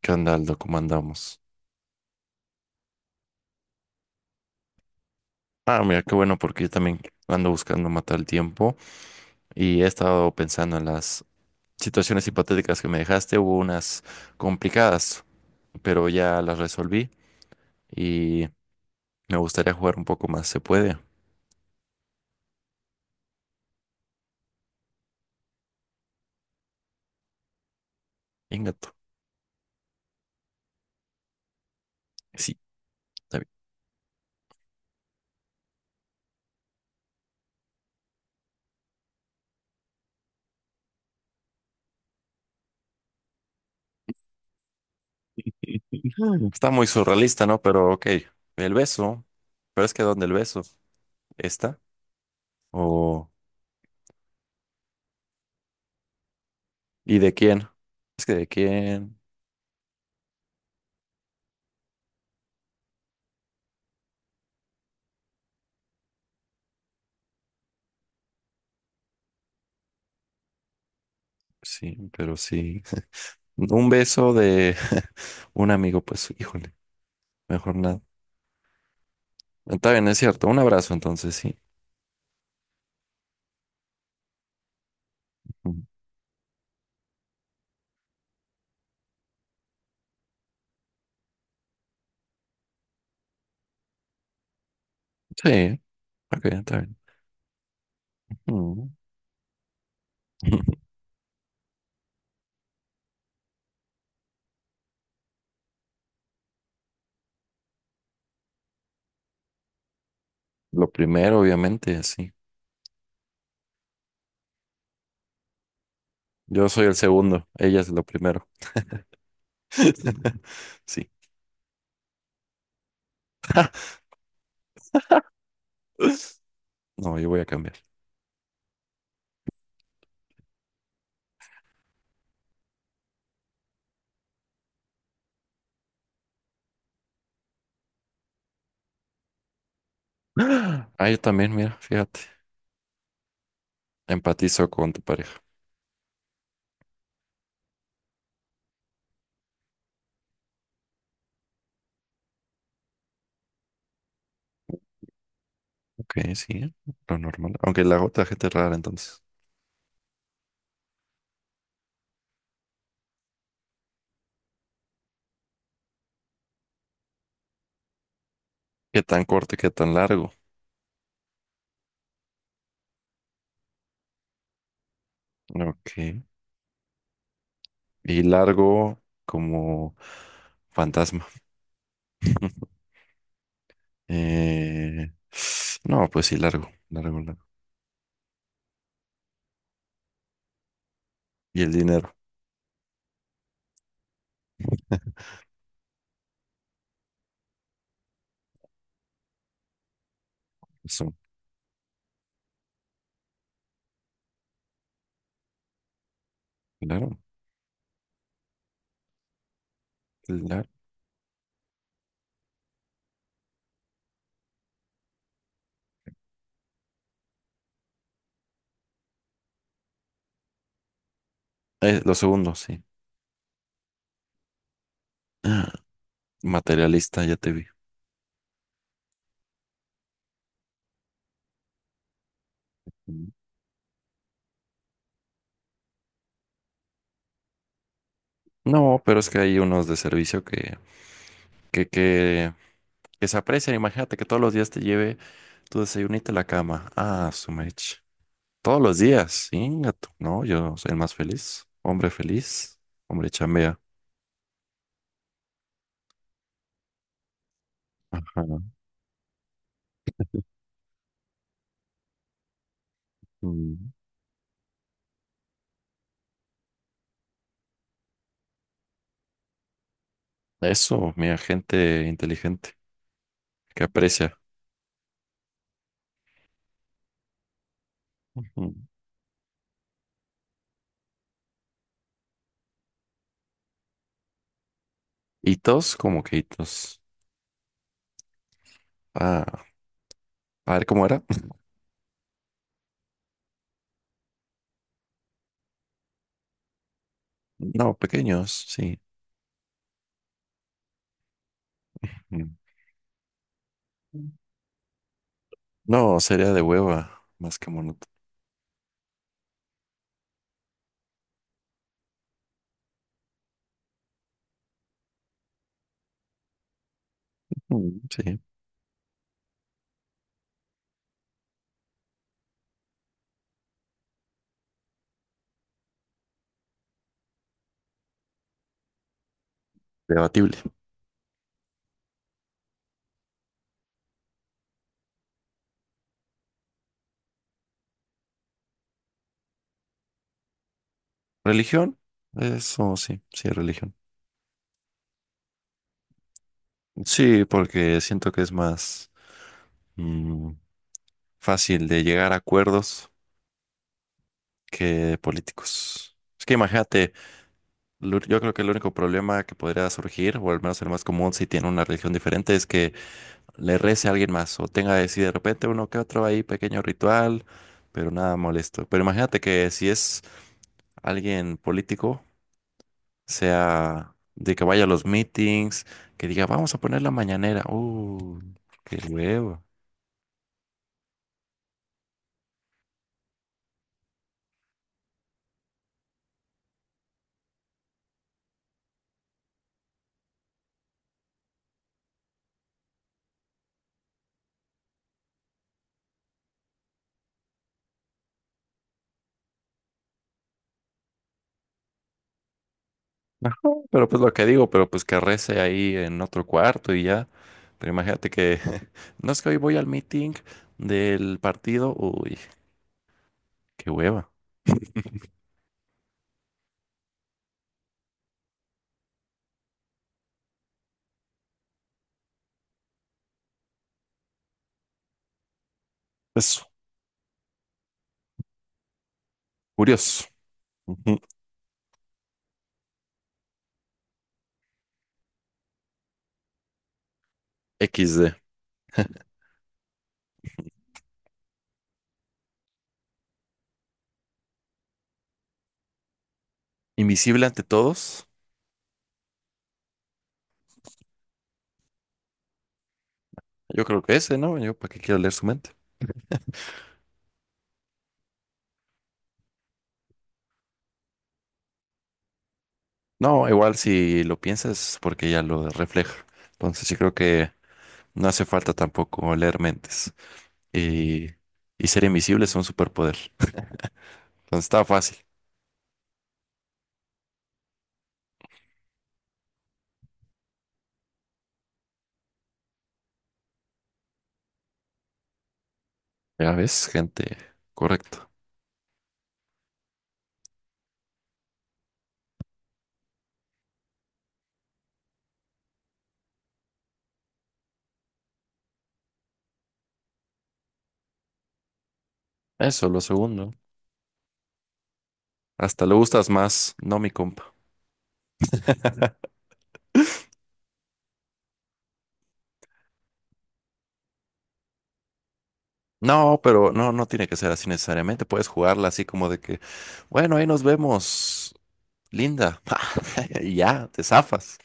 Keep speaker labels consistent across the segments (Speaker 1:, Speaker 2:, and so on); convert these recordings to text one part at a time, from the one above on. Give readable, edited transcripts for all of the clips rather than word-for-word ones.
Speaker 1: ¿Qué onda, Aldo? ¿Cómo andamos? Ah, mira, qué bueno, porque yo también ando buscando matar el tiempo y he estado pensando en las situaciones hipotéticas que me dejaste. Hubo unas complicadas, pero ya las resolví y me gustaría jugar un poco más. ¿Se puede? Ingato. Sí, está bien. Mm. Está muy surrealista, ¿no? Pero ok. El beso. Pero es que ¿dónde el beso? ¿Está? ¿O... ¿Y de quién? Es que de quién. Sí, pero sí. Un beso de un amigo, pues, híjole. Mejor nada. Está bien, es cierto. Un abrazo entonces, sí. Ujú. Sí, ok, está bien. Ujú. Lo primero, obviamente, sí. Yo soy el segundo, ella es lo primero. Sí. No, yo voy a cambiar. Ah, yo también, mira, fíjate. Empatizo con tu pareja. Ok, sí, lo normal. Aunque la otra gente es rara, entonces. ¿Qué tan corto y qué tan largo? Ok. Y largo como fantasma. Eh, no, pues sí, largo, largo, largo. Y el dinero, eso, claro, claro. Lo segundo, sí. Ah, materialista, ya te vi. Mm. No, pero es que hay unos de servicio que, que, que se aprecian. Imagínate que todos los días te lleve tu desayunito a la cama. Ah, su mecha. Todos los días, sí, gato. No, yo soy el más feliz. Hombre feliz, hombre chambea. Ajá. Mm. Eso, mira, gente inteligente que aprecia. Ujú. Hitos, como que hitos. Ah, a ver cómo era. No, pequeños, sí. Mm. No, sería de hueva, más que monótono. Mm, sí, debatible. ¿Religión? Eso sí, sí, religión. Sí, porque siento que es más mm, fácil de llegar a acuerdos que políticos. Es que imagínate, yo creo que el único problema que podría surgir, o al menos el más común si tiene una religión diferente, es que le rece a alguien más o tenga así de repente uno que otro ahí pequeño ritual, pero nada molesto. Pero imagínate que si es alguien político, sea de que vaya a los meetings, que diga, vamos a poner la mañanera. Qué huevo. Ajá. Pero pues lo que digo, pero pues que rece ahí en otro cuarto y ya. Pero imagínate que, no, es que hoy voy al meeting del partido. Uy, qué hueva. Eso, curioso. Ujú. Equis de. Invisible ante todos. Yo creo que ese, ¿no? Yo, ¿para qué quiero leer su mente? No, igual si lo piensas, porque ya lo refleja. Entonces, yo creo que no hace falta tampoco leer mentes. Y, y ser invisible es un superpoder. Entonces, está fácil. Ya ves, gente, correcto. Eso, lo segundo. Hasta le gustas más, no mi compa. No, pero no, no tiene que ser así necesariamente. Puedes jugarla así como de que, bueno, ahí nos vemos, linda. Y ya, te zafas.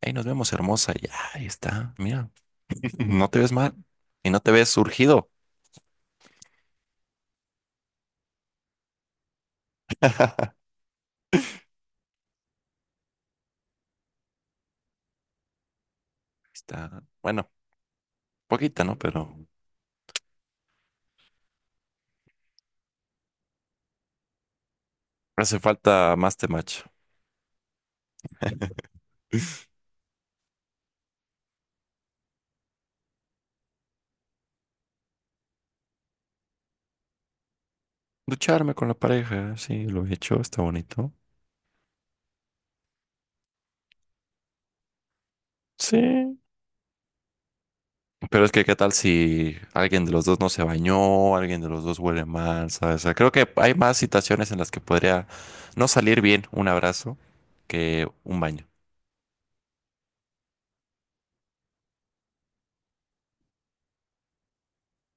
Speaker 1: Ahí nos vemos, hermosa. Y ya, ahí está. Mira. No te ves mal y no te ves surgido. Está, bueno, poquita, ¿no? Pero hace falta más temacho. Ducharme con la pareja, sí, lo he hecho, está bonito. Sí. Pero es que, ¿qué tal si alguien de los dos no se bañó, alguien de los dos huele mal, ¿sabes? O sea, creo que hay más situaciones en las que podría no salir bien un abrazo que un baño.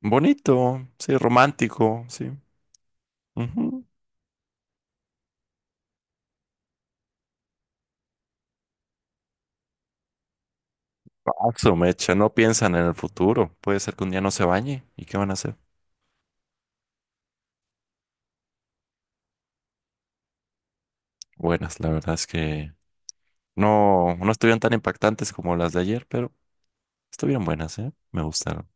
Speaker 1: Bonito, sí, romántico, sí. Ujú. Paso, mecha, no piensan en el futuro. Puede ser que un día no se bañe. ¿Y qué van a hacer? Buenas, la verdad es que no, no estuvieron tan impactantes como las de ayer, pero estuvieron buenas, ¿eh? Me gustaron.